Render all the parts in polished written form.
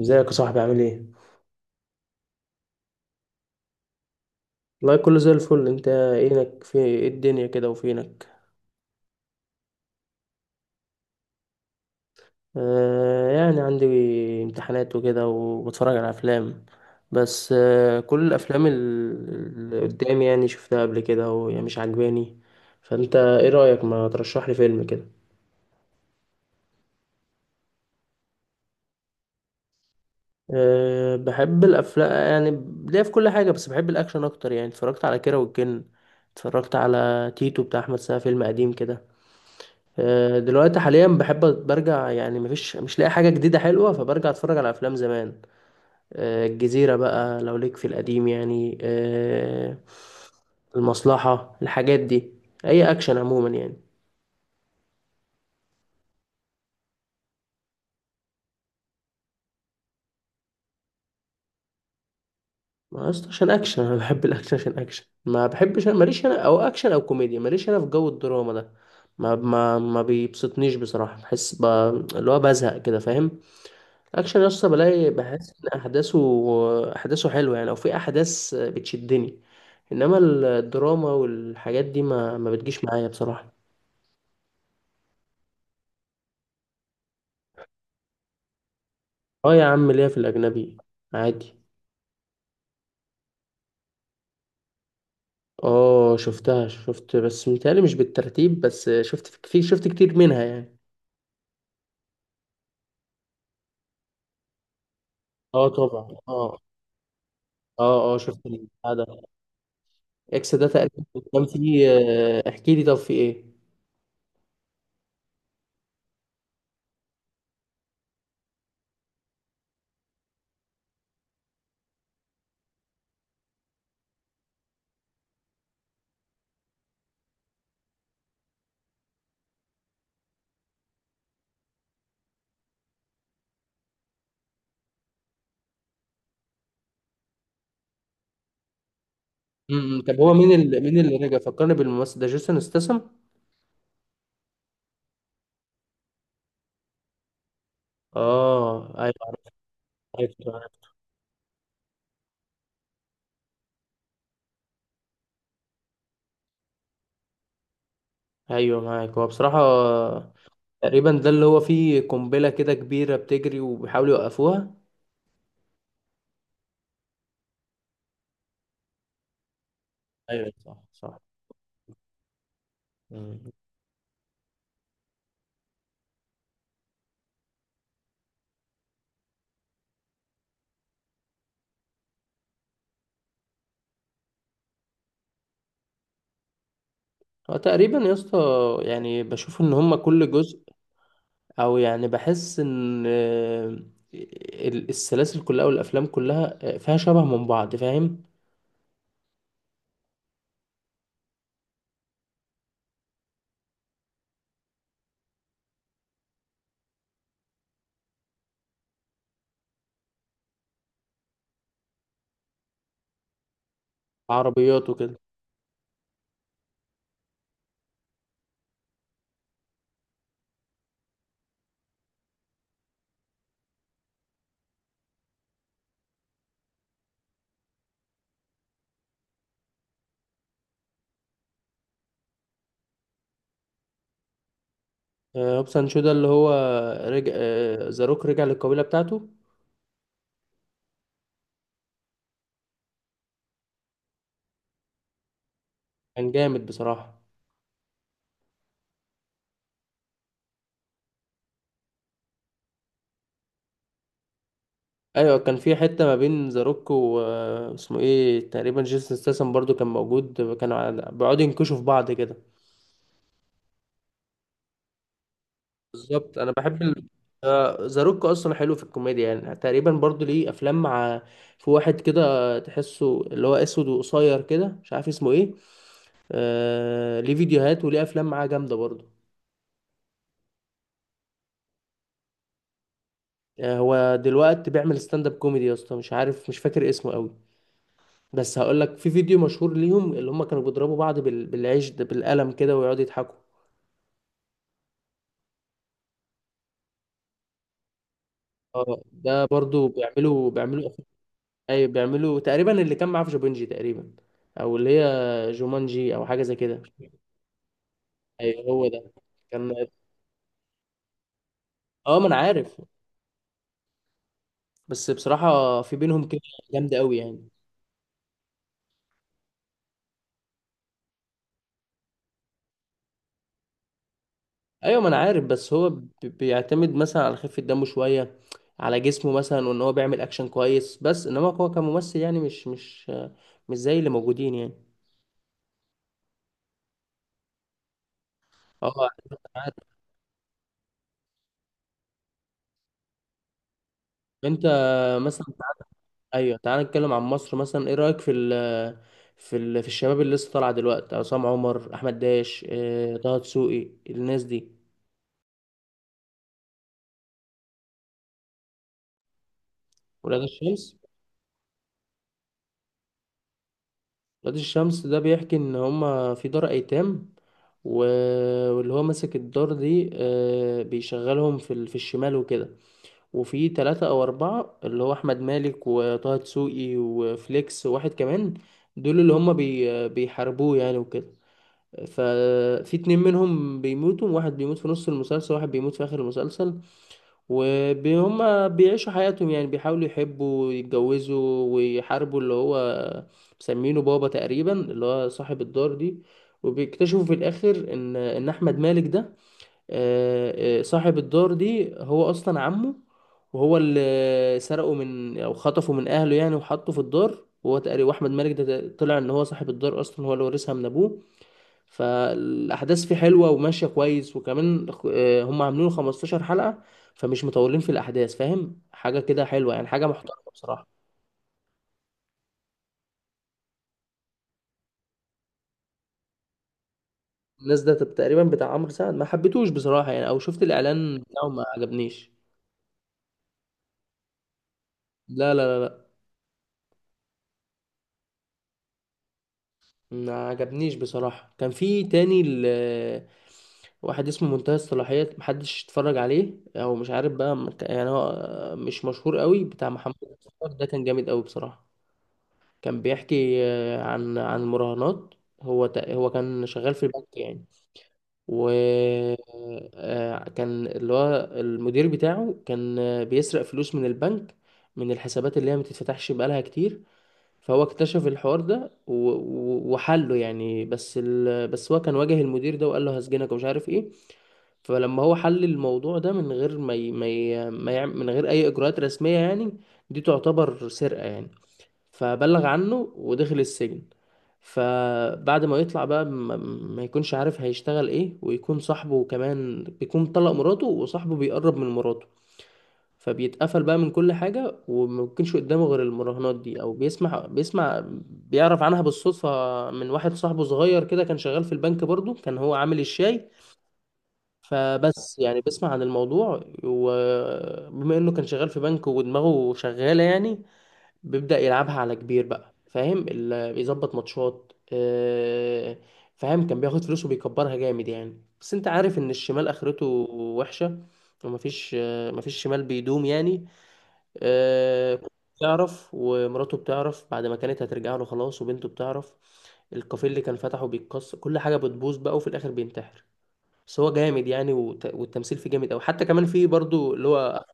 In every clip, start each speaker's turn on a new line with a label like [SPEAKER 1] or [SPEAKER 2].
[SPEAKER 1] ازيك يا صاحبي عامل ايه؟ والله كله زي الفل، انت اينك في ايه الدنيا كده وفينك؟ يعني عندي امتحانات وكده وبتفرج على افلام. بس كل الافلام اللي قدامي يعني شفتها قبل كده وهي مش عجباني، فانت ايه رأيك ما ترشح لي فيلم كده؟ بحب الافلام يعني، ليا في كل حاجة، بس بحب الاكشن اكتر. يعني اتفرجت على كيرة والجن، اتفرجت على تيتو بتاع احمد سقا، فيلم قديم كده. دلوقتي حاليا بحب برجع، يعني مفيش، مش لاقي حاجة جديدة حلوة، فبرجع اتفرج على افلام زمان. الجزيرة بقى لو ليك في القديم يعني، المصلحة، الحاجات دي، اي اكشن عموما يعني. ما أصل عشان اكشن، انا بحب الاكشن عشان اكشن، ما بحبش ماليش انا، او اكشن او كوميديا، ماليش انا في جو الدراما ده، ما بيبسطنيش بصراحة، بحس اللي هو بزهق كده فاهم. اكشن يا اسطى بلاقي، بحس ان احداثه حلوه يعني، او في احداث بتشدني. انما الدراما والحاجات دي ما بتجيش معايا بصراحه. اه يا عم ليا في الاجنبي عادي. اه شفتها، شفت بس متهيألي مش بالترتيب، بس شفت شفت كتير منها يعني. اه طبعا اه شفت البتاع ده. اكس ده تقريبا كان فيه، احكي لي طب في ايه. طب هو مين اللي رجع؟ فكرني بالممثل ده جيسون استسم. اه ايوه، عرفت. ايوه معاك، هو بصراحة تقريبا ده اللي هو فيه قنبلة كده كبيرة بتجري وبيحاولوا يوقفوها. ايوه صح صح. مم. هو تقريبا يا اسطى، يعني بشوف ان هما كل جزء، او يعني بحس ان السلاسل كلها والافلام كلها فيها شبه من بعض فاهم. عربيات وكده. هوبس اند شو ده اللي هو رجع، ذا روك رجع للقبيلة بتاعته. كان جامد بصراحة. ايوه كان في حته ما بين ذا روك واسمه ايه تقريبا، جيسون ستاثام برضو كان موجود، كانوا بيقعدوا ينكشوا في بعض كده. بالظبط، انا بحب ذا روك اصلا حلو في الكوميديا، يعني تقريبا برضو ليه افلام مع، في واحد كده تحسه اللي هو اسود وقصير كده، مش عارف اسمه ايه. ليه فيديوهات وليه افلام معاه جامده برضو. آه هو دلوقتي بيعمل ستاند اب كوميدي يا اسطى، مش عارف مش فاكر اسمه قوي، بس هقول لك، في فيديو مشهور ليهم اللي هم كانوا بيضربوا بعض بالعيش ده، بالقلم كده، ويقعدوا يضحكوا. اه ده برضو بيعملوا. اي بيعملوا تقريبا اللي كان معاه في جوبنجي تقريبا، او اللي هي جومانجي او حاجه زي كده. ايوه هو ده. كان. اه ما انا عارف. بس بصراحه في بينهم كده جامده قوي يعني. ايوه ما انا عارف، بس هو بيعتمد مثلا على خفه دمه شويه، على جسمه مثلا، وان هو بيعمل اكشن كويس، بس انما هو كممثل يعني، مش زي اللي موجودين يعني. اه عارف عارف. انت مثلا. ايوه تعال نتكلم عن مصر مثلا، ايه رايك في الشباب اللي لسه طالعه دلوقتي؟ عصام عمر، احمد داش، طه دسوقي، الناس دي. ولاد الشمس. ولاد الشمس ده بيحكي ان هما في دار ايتام، واللي هو ماسك الدار دي بيشغلهم في في الشمال وكده. وفي ثلاثة او اربعة، اللي هو احمد مالك وطه دسوقي وفليكس وواحد كمان، دول اللي هما بيحاربوه يعني وكده. ففي اتنين منهم بيموتوا، واحد بيموت في نص المسلسل، واحد بيموت في آخر المسلسل. وهما بيعيشوا حياتهم، يعني بيحاولوا يحبوا ويتجوزوا ويحاربوا اللي هو مسمينه بابا تقريبا، اللي هو صاحب الدار دي. وبيكتشفوا في الآخر إن أحمد مالك ده صاحب الدار دي هو أصلا عمه، وهو اللي سرقه من، أو خطفه من أهله يعني، وحطه في الدار. وهو تقريبا، وأحمد مالك ده طلع إن هو صاحب الدار أصلا، هو اللي ورثها من أبوه. فالاحداث فيه حلوه وماشيه كويس، وكمان هم عاملين له 15 حلقه، فمش مطولين في الاحداث، فاهم؟ حاجه كده حلوه يعني، حاجه محترمه بصراحه. الناس ده تقريبا بتاع عمرو سعد، ما حبيتهوش بصراحه يعني، او شفت الاعلان بتاعه ما عجبنيش. لا لا لا لا. ما عجبنيش بصراحه، كان في تاني واحد اسمه منتهى الصلاحيه، محدش اتفرج عليه او مش عارف بقى يعني، هو مش مشهور قوي بتاع محمد صلاح، ده كان جامد قوي بصراحه. كان بيحكي عن المراهنات. هو كان شغال في البنك يعني، و كان اللي هو المدير بتاعه كان بيسرق فلوس من البنك، من الحسابات اللي هي ما تتفتحش بقالها كتير. فهو اكتشف الحوار ده وحله يعني، بس بس هو كان واجه المدير ده وقال له هسجنك ومش عارف ايه. فلما هو حل الموضوع ده من غير ما يعمل، من غير اي اجراءات رسمية يعني، دي تعتبر سرقة يعني، فبلغ عنه ودخل السجن. فبعد ما يطلع بقى ما يكونش عارف هيشتغل ايه، ويكون صاحبه كمان بيكون طلق مراته، وصاحبه بيقرب من مراته، فبيتقفل بقى من كل حاجة، وما بيكونش قدامه غير المراهنات دي، او بيسمع، بيعرف عنها بالصدفة من واحد صاحبه صغير كده، كان شغال في البنك برضو، كان هو عامل الشاي. فبس يعني بيسمع عن الموضوع، وبما انه كان شغال في بنك ودماغه شغالة يعني، بيبدأ يلعبها على كبير بقى، فاهم؟ بيظبط ماتشات فاهم. كان بياخد فلوس وبيكبرها جامد يعني، بس انت عارف ان الشمال اخرته وحشة، ومفيش مفيش شمال بيدوم يعني. آه، بتعرف، ومراته بتعرف بعد ما كانت هترجع له خلاص، وبنته بتعرف. الكافيه اللي كان فتحه بيتكسر، كل حاجة بتبوظ بقى، وفي الاخر بينتحر. بس هو جامد يعني، والتمثيل فيه جامد أوي، حتى كمان فيه برضو اللي هو.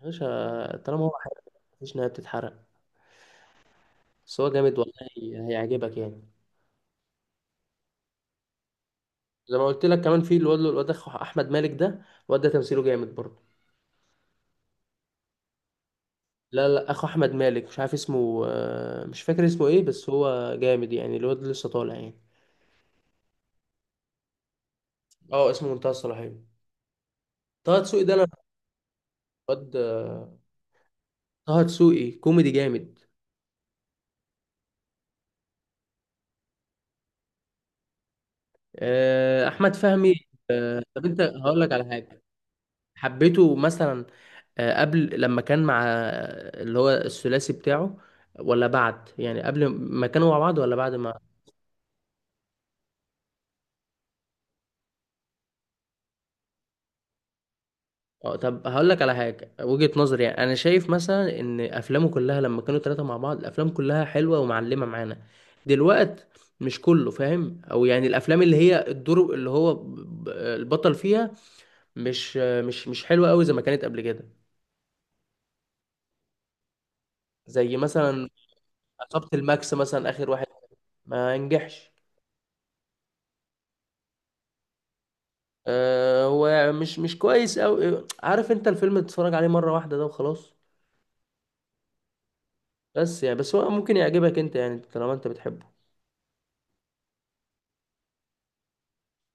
[SPEAKER 1] يا باشا طالما هو حلو مفيش نهاية بتتحرق. بس هو جامد والله، هيعجبك يعني. زي ما قلت لك، كمان في الواد اخو احمد مالك ده، الواد ده تمثيله جامد برضه. لا لا، اخو احمد مالك مش عارف اسمه، مش فاكر اسمه ايه، بس هو جامد يعني، الواد لسه طالع يعني. اه اسمه منتهى الصلاحيه. طه دسوقي ده انا الواد، طه دسوقي كوميدي جامد. احمد فهمي. طب انت هقول لك على حاجه، حبيته مثلا قبل لما كان مع اللي هو الثلاثي بتاعه، ولا بعد يعني؟ قبل ما كانوا مع بعض ولا بعد ما. اه طب هقول لك على حاجه، وجهه نظري يعني، انا شايف مثلا ان افلامه كلها لما كانوا ثلاثه مع بعض الافلام كلها حلوه ومعلمه معانا دلوقت، مش كله فاهم، او يعني الافلام اللي هي الدور اللي هو البطل فيها مش حلوه قوي زي ما كانت قبل كده. زي مثلا عصابه الماكس مثلا، اخر واحد، ما نجحش. آه هو مش كويس قوي، عارف انت الفيلم تتفرج عليه مره واحده ده وخلاص. بس يعني بس هو ممكن يعجبك انت يعني، طالما انت بتحبه.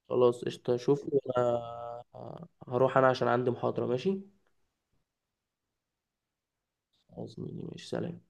[SPEAKER 1] خلاص قشطة، شوف انا هروح انا عشان عندي محاضرة، ماشي، خلاص ماشي، سلام.